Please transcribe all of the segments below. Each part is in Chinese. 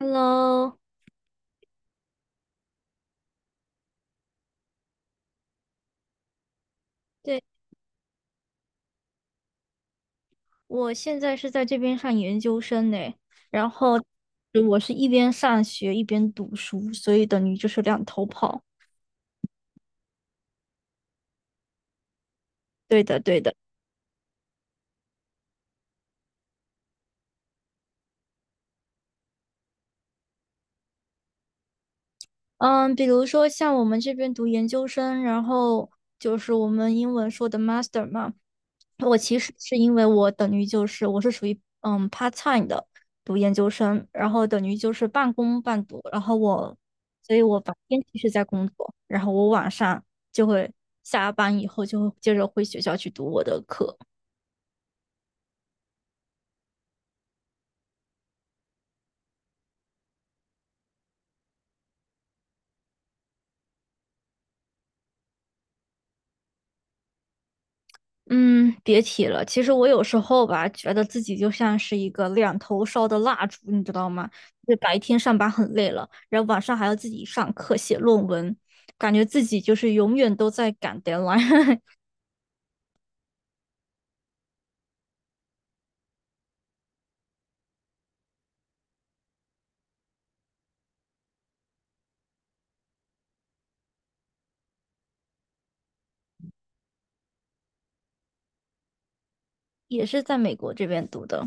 Hello，对，我现在是在这边上研究生呢，然后我是一边上学一边读书，所以等于就是两头跑。对的，对的。嗯，比如说像我们这边读研究生，然后就是我们英文说的 master 嘛，我其实是因为我等于就是我是属于part time 的读研究生，然后等于就是半工半读，然后所以我白天其实在工作，然后我晚上就会下班以后就会接着回学校去读我的课。嗯，别提了。其实我有时候吧，觉得自己就像是一个两头烧的蜡烛，你知道吗？就白天上班很累了，然后晚上还要自己上课写论文，感觉自己就是永远都在赶 deadline。也是在美国这边读的。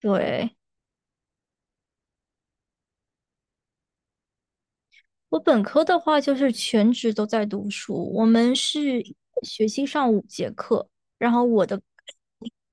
对，我本科的话就是全职都在读书，我们是一个学期上5节课，然后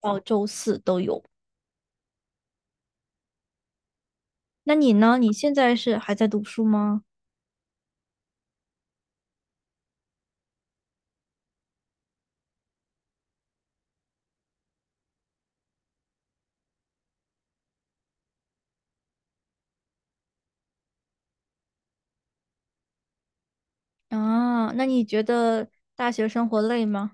到周四都有。那你呢？你现在是还在读书吗？啊，那你觉得大学生活累吗？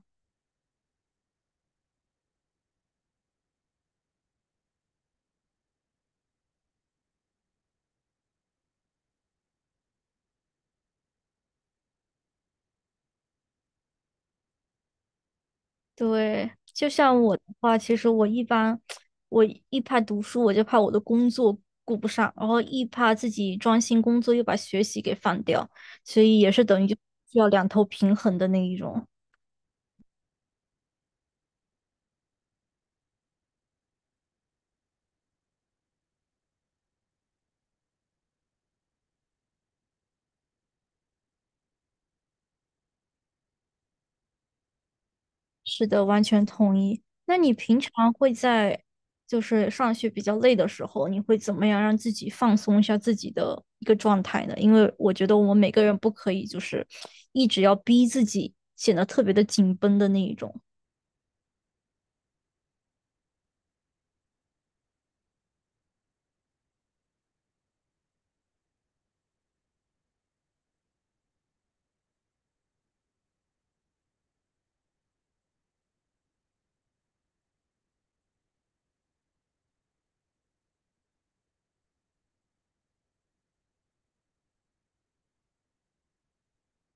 对，就像我的话，其实我一般，我一怕读书，我就怕我的工作顾不上，然后一怕自己专心工作又把学习给放掉，所以也是等于就需要两头平衡的那一种。是的，完全同意。那你平常会在就是上学比较累的时候，你会怎么样让自己放松一下自己的一个状态呢？因为我觉得我们每个人不可以就是一直要逼自己，显得特别的紧绷的那一种。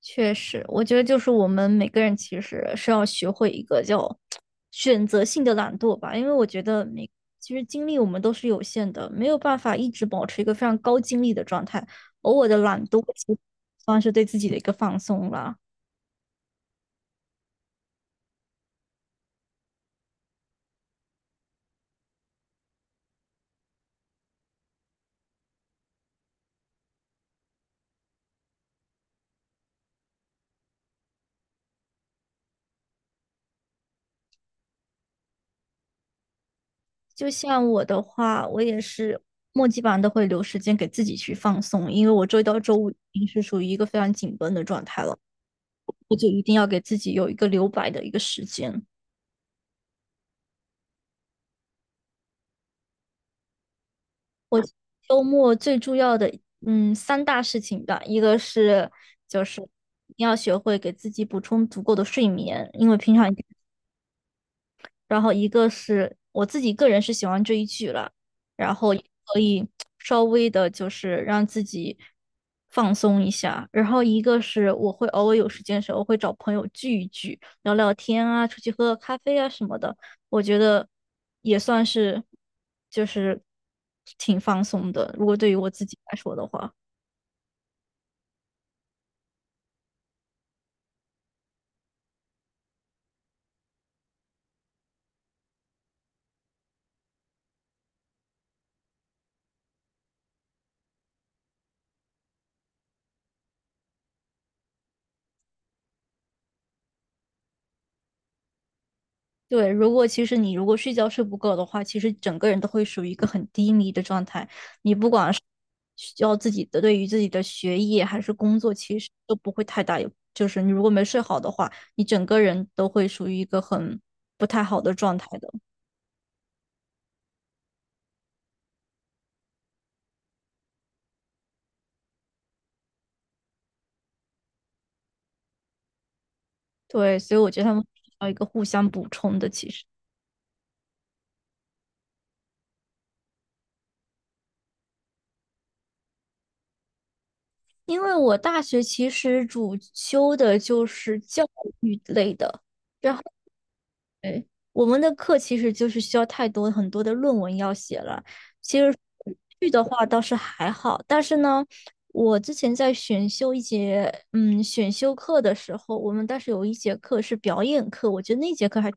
确实，我觉得就是我们每个人其实是要学会一个叫选择性的懒惰吧，因为我觉得其实精力我们都是有限的，没有办法一直保持一个非常高精力的状态，偶尔的懒惰其实算是对自己的一个放松啦。就像我的话，我也是末基本上都会留时间给自己去放松，因为我周一到周五已经是属于一个非常紧绷的状态了，我就一定要给自己有一个留白的一个时间。周末最重要的，三大事情吧，一个是就是你要学会给自己补充足够的睡眠，因为平常然后一个是我自己个人是喜欢追剧了，然后也可以稍微的就是让自己放松一下，然后一个是我会偶尔有时间的时候会找朋友聚一聚，聊聊天啊，出去喝个咖啡啊什么的，我觉得也算是就是挺放松的，如果对于我自己来说的话。对，如果其实你如果睡觉睡不够的话，其实整个人都会属于一个很低迷的状态。你不管是需要自己的对于自己的学业还是工作，其实都不会太大有。就是你如果没睡好的话，你整个人都会属于一个很不太好的状态的。对，所以我觉得他们需要一个互相补充的。其实，因为我大学其实主修的就是教育类的。然后。对，我们的课其实就是需要太多很多的论文要写了。其实剧的话倒是还好，但是呢，我之前在选修一节选修课的时候，我们当时有一节课是表演课，我觉得那节课还。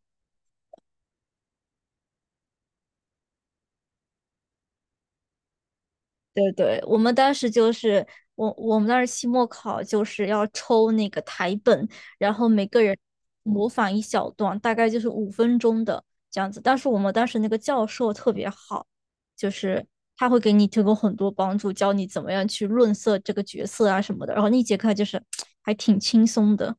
对对，我们当时就是我们当时期末考就是要抽那个台本，然后每个人模仿一小段，大概就是5分钟的这样子。但是我们当时那个教授特别好，就是他会给你提供很多帮助，教你怎么样去润色这个角色啊什么的。然后那节课就是 还挺轻松的。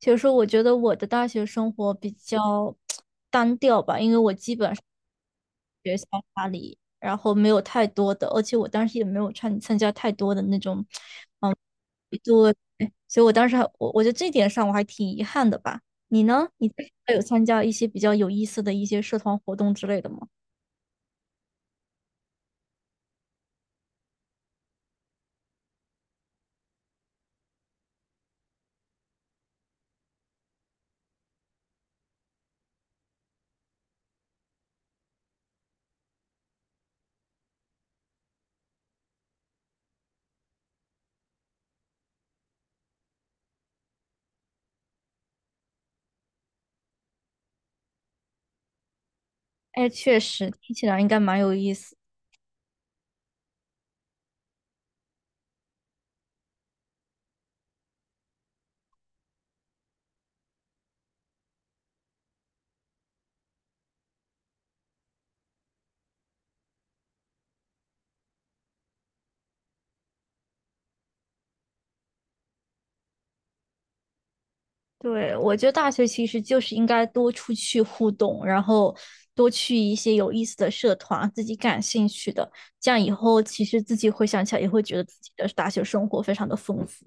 所以说，我觉得我的大学生活比较 单调吧，因为我基本然后没有太多的，而且我当时也没有参加太多的那种，嗯，对，所以我当时还我觉得这点上我还挺遗憾的吧。你呢？你还有参加一些比较有意思的一些社团活动之类的吗？哎，确实听起来应该蛮有意思。对，我觉得大学其实就是应该多出去互动，然后多去一些有意思的社团，自己感兴趣的，这样以后其实自己回想起来也会觉得自己的大学生活非常的丰富。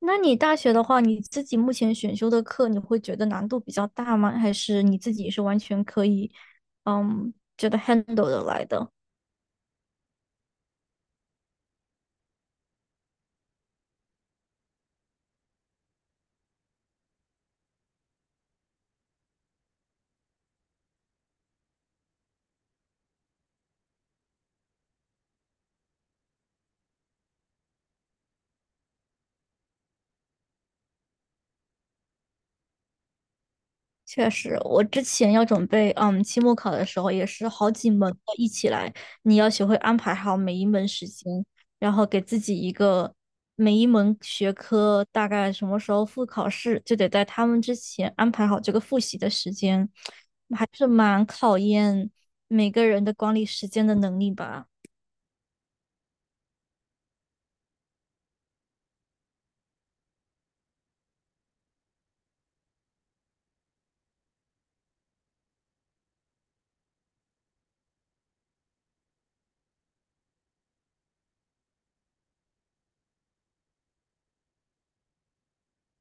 那你大学的话，你自己目前选修的课，你会觉得难度比较大吗？还是你自己是完全可以，觉得 handle 的来的？确实，我之前要准备，期末考的时候也是好几门要一起来，你要学会安排好每一门时间，然后给自己一个每一门学科大概什么时候复考试，就得在他们之前安排好这个复习的时间，还是蛮考验每个人的管理时间的能力吧。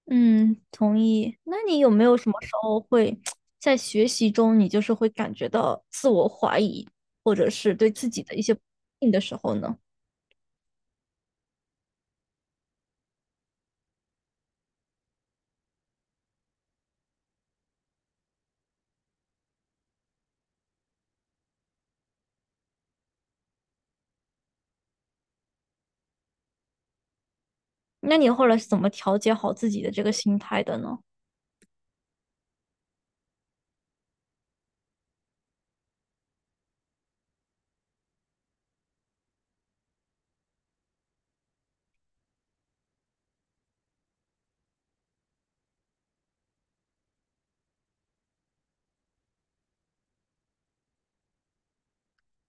嗯，同意。那你有没有什么时候会 在学习中，你就是会感觉到自我怀疑，或者是对自己的一些不信的时候呢？那你后来是怎么调节好自己的这个心态的呢？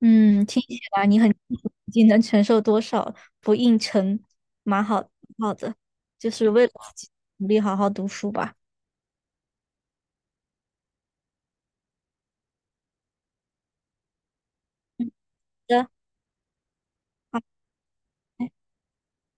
嗯，听起来你很已经能承受多少不应承，蛮好，蛮好的，就是为了自己努力好好读书吧。嗯好的。好